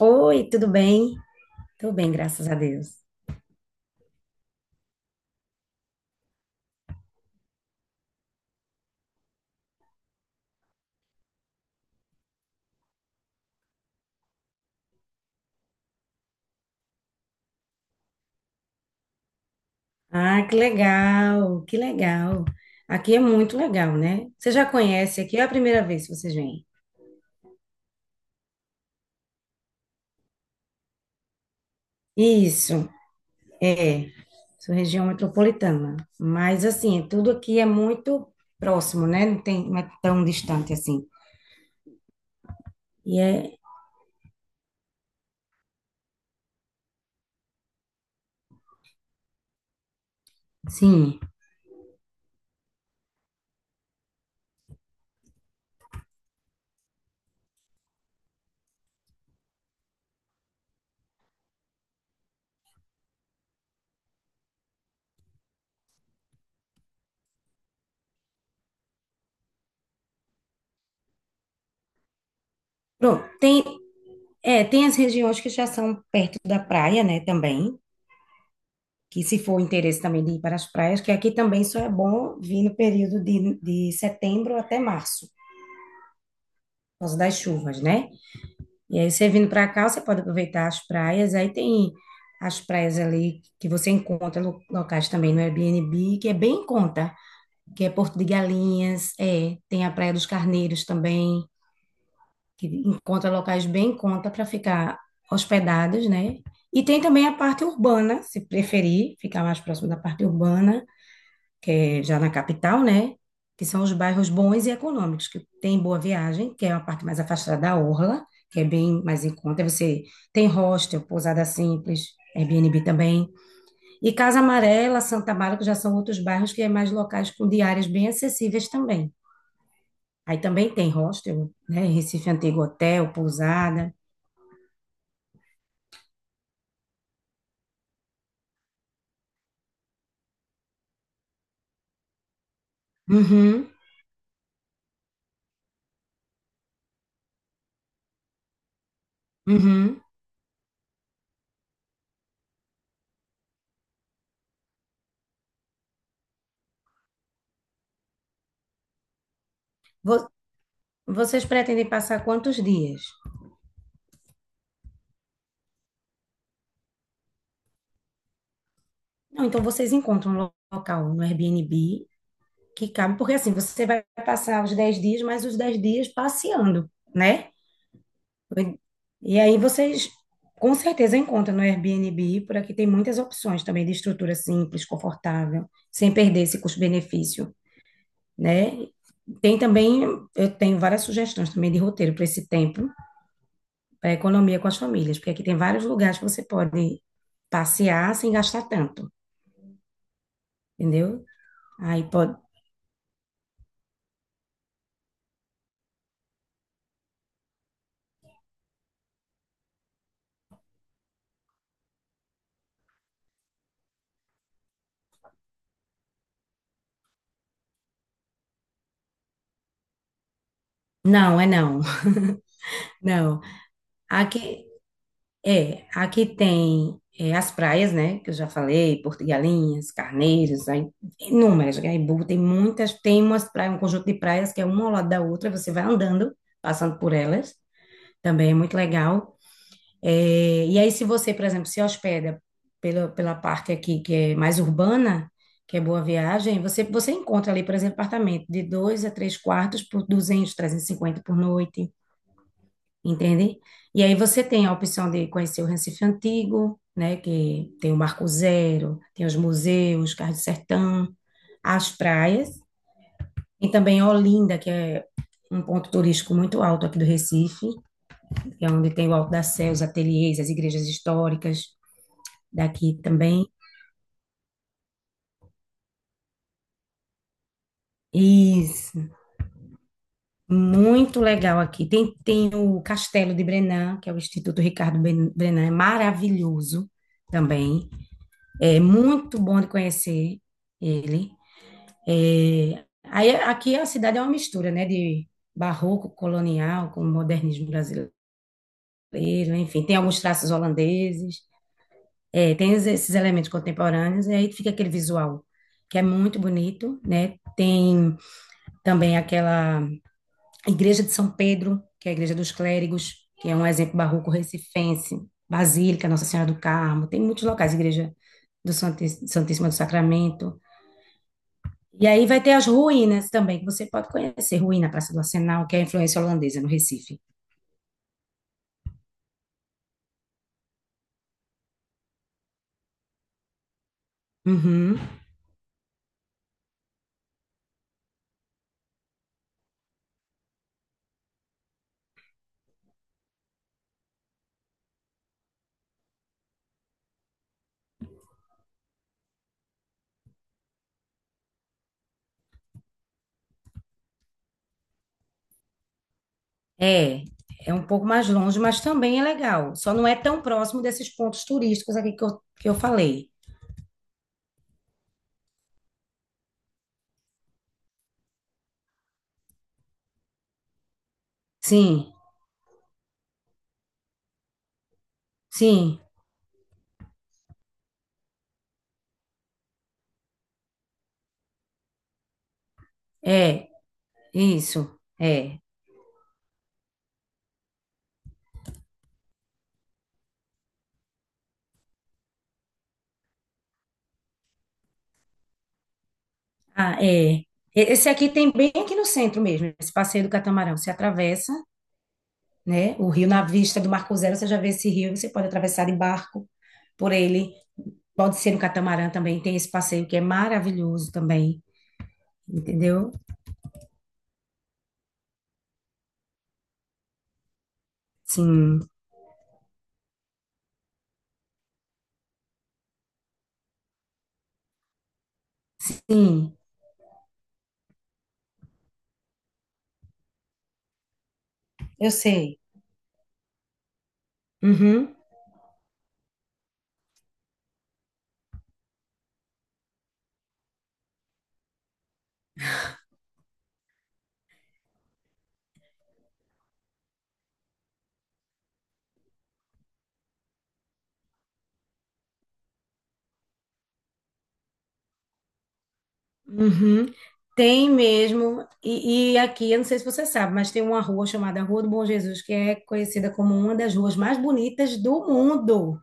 Oi, tudo bem? Tudo bem, graças a Deus. Ah, que legal, que legal. Aqui é muito legal, né? Você já conhece aqui, é a primeira vez que vocês vêm. Isso, é. Sou região metropolitana. Mas, assim, tudo aqui é muito próximo, né? Não é tão distante assim. E é, sim. Pronto, tem as regiões que já são perto da praia, né, também. Que se for o interesse também de ir para as praias, que aqui também só é bom vir no período de setembro até março, por causa das chuvas, né? E aí você vindo para cá, você pode aproveitar as praias, aí tem as praias ali que você encontra lo- locais também no Airbnb, que é bem em conta, que é Porto de Galinhas, tem a Praia dos Carneiros também, que encontra locais bem em conta para ficar hospedados, né? E tem também a parte urbana, se preferir, ficar mais próximo da parte urbana, que é já na capital, né? Que são os bairros bons e econômicos, que tem Boa Viagem, que é uma parte mais afastada da orla, que é bem mais em conta. Aí você tem hostel, pousada simples, Airbnb também. E Casa Amarela, Santa Bárbara, que já são outros bairros que é mais locais com diárias bem acessíveis também. Aí também tem hostel, né? Recife Antigo, hotel, pousada. Uhum, uhum. Vo- Vocês pretendem passar quantos dias? Não, então vocês encontram um lo- local no Airbnb que cabe, porque assim, você vai passar os 10 dias, mais os 10 dias passeando, né? E aí vocês com certeza encontram no Airbnb, por aqui tem muitas opções também de estrutura simples, confortável, sem perder esse custo-benefício, né? Tem também, eu tenho várias sugestões também de roteiro para esse tempo, para economia com as famílias, porque aqui tem vários lugares que você pode passear sem gastar tanto, entendeu? Aí pode. Não, é não, não. Aqui, é, aqui as praias, né, que eu já falei, Porto de Galinhas, Carneiros, aí, inúmeras, Gaibu, tem muitas, tem umas praias, um conjunto de praias que é uma ao lado da outra, você vai andando, passando por elas, também é muito legal. É, e aí, se você, por exemplo, se hospeda pela parte aqui que é mais urbana, que é Boa Viagem, você encontra ali, por exemplo, apartamento de 2 a 3 quartos por 200 a 350 por noite, entende? E aí você tem a opção de conhecer o Recife Antigo, né, que tem o Marco Zero, tem os museus, Cais do Sertão, as praias, e também Olinda, que é um ponto turístico muito alto aqui do Recife, que é onde tem o Alto da Sé, os ateliês, as igrejas históricas daqui também. Isso, muito legal aqui. Tem o Castelo de Brenan, que é o Instituto Ricardo Brenan, é maravilhoso também. É muito bom de conhecer ele. É, aí aqui a cidade é uma mistura, né, de barroco colonial com modernismo brasileiro, enfim, tem alguns traços holandeses, tem es- esses elementos contemporâneos e aí fica aquele visual que é muito bonito, né? Tem também aquela igreja de São Pedro, que é a igreja dos clérigos, que é um exemplo barroco recifense, Basílica Nossa Senhora do Carmo, tem muitos locais, igreja do Santíssima do Sacramento. E aí vai ter as ruínas também, que você pode conhecer. Ruína, Praça do Arsenal, que é a influência holandesa no Recife. Uhum. É, é um pouco mais longe, mas também é legal. Só não é tão próximo desses pontos turísticos aqui que eu falei. Sim, sim, é, isso, é. Ah, é. Esse aqui tem bem aqui no centro mesmo, esse passeio do catamarão. Você atravessa, né, o rio na vista do Marco Zero, você já vê esse rio, você pode atravessar de barco por ele. Pode ser no catamarã também, tem esse passeio que é maravilhoso também, entendeu? Sim, sim, eu sei. Uhum, uhum. Tem mesmo, e aqui, eu não sei se você sabe, mas tem uma rua chamada Rua do Bom Jesus, que é conhecida como uma das ruas mais bonitas do mundo.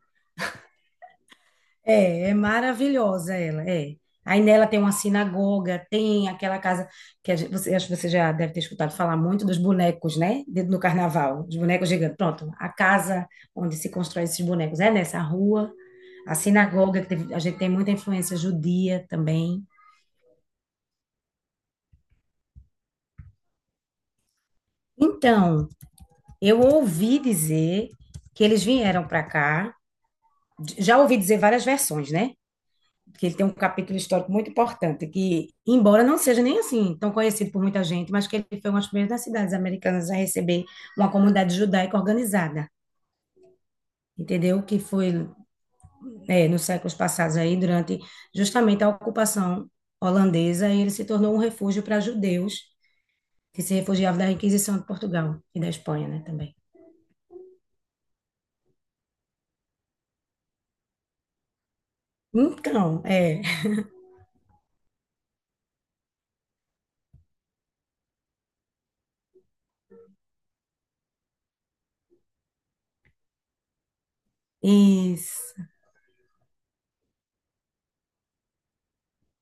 É, é maravilhosa ela, é. Aí nela tem uma sinagoga, tem aquela casa que a você, acho que você já deve ter escutado falar muito dos bonecos, né? No carnaval, os bonecos gigantes. Pronto, a casa onde se constrói esses bonecos é nessa rua. A sinagoga, que a gente tem muita influência judia também. Então, eu ouvi dizer que eles vieram para cá, já ouvi dizer várias versões, né? Que ele tem um capítulo histórico muito importante, que, embora não seja nem assim tão conhecido por muita gente, mas que ele foi uma das primeiras cidades americanas a receber uma comunidade judaica organizada, entendeu? Que foi nos séculos passados aí, durante justamente a ocupação holandesa, e ele se tornou um refúgio para judeus que se refugiavam da Inquisição de Portugal e da Espanha, né, também. Então, é, isso,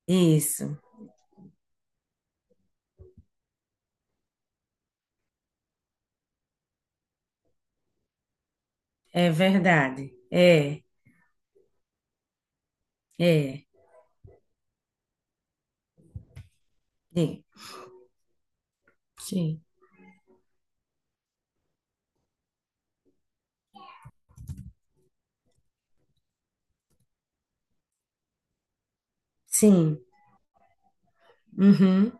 isso, é verdade, é, é, é, sim, sim, uhum.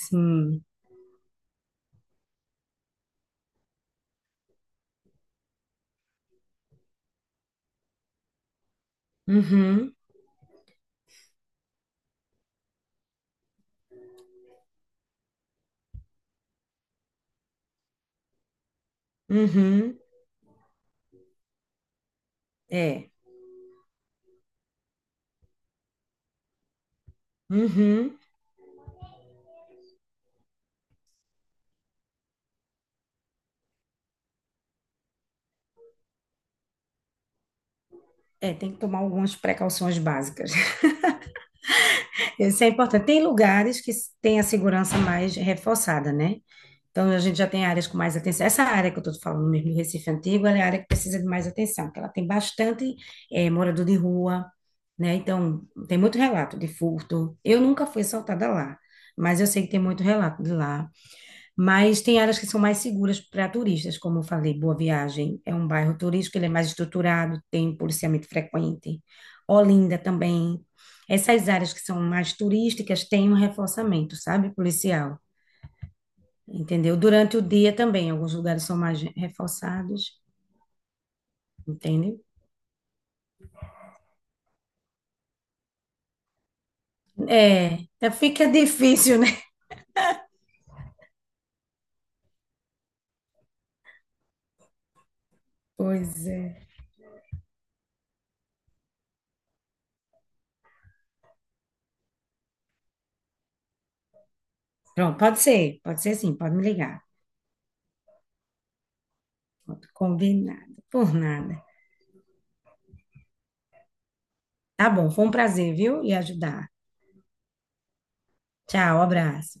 Sim. Uhum. Uhum. É. Uhum. É, tem que tomar algumas precauções básicas. Isso é importante. Tem lugares que tem a segurança mais reforçada, né? Então, a gente já tem áreas com mais atenção. Essa área que eu estou falando mesmo do Recife Antigo, ela é a área que precisa de mais atenção, porque ela tem bastante morador de rua, né? Então, tem muito relato de furto. Eu nunca fui assaltada lá, mas eu sei que tem muito relato de lá. Mas tem áreas que são mais seguras para turistas, como eu falei, Boa Viagem é um bairro turístico, ele é mais estruturado, tem policiamento frequente. Olinda também. Essas áreas que são mais turísticas têm um reforçamento, sabe, policial, entendeu? Durante o dia também, alguns lugares são mais reforçados, entende? Fica difícil, né? Pois é. Pronto, pode ser sim, pode me ligar. Pronto, combinado, por nada. Tá bom, foi um prazer, viu? E ajudar. Tchau, abraço.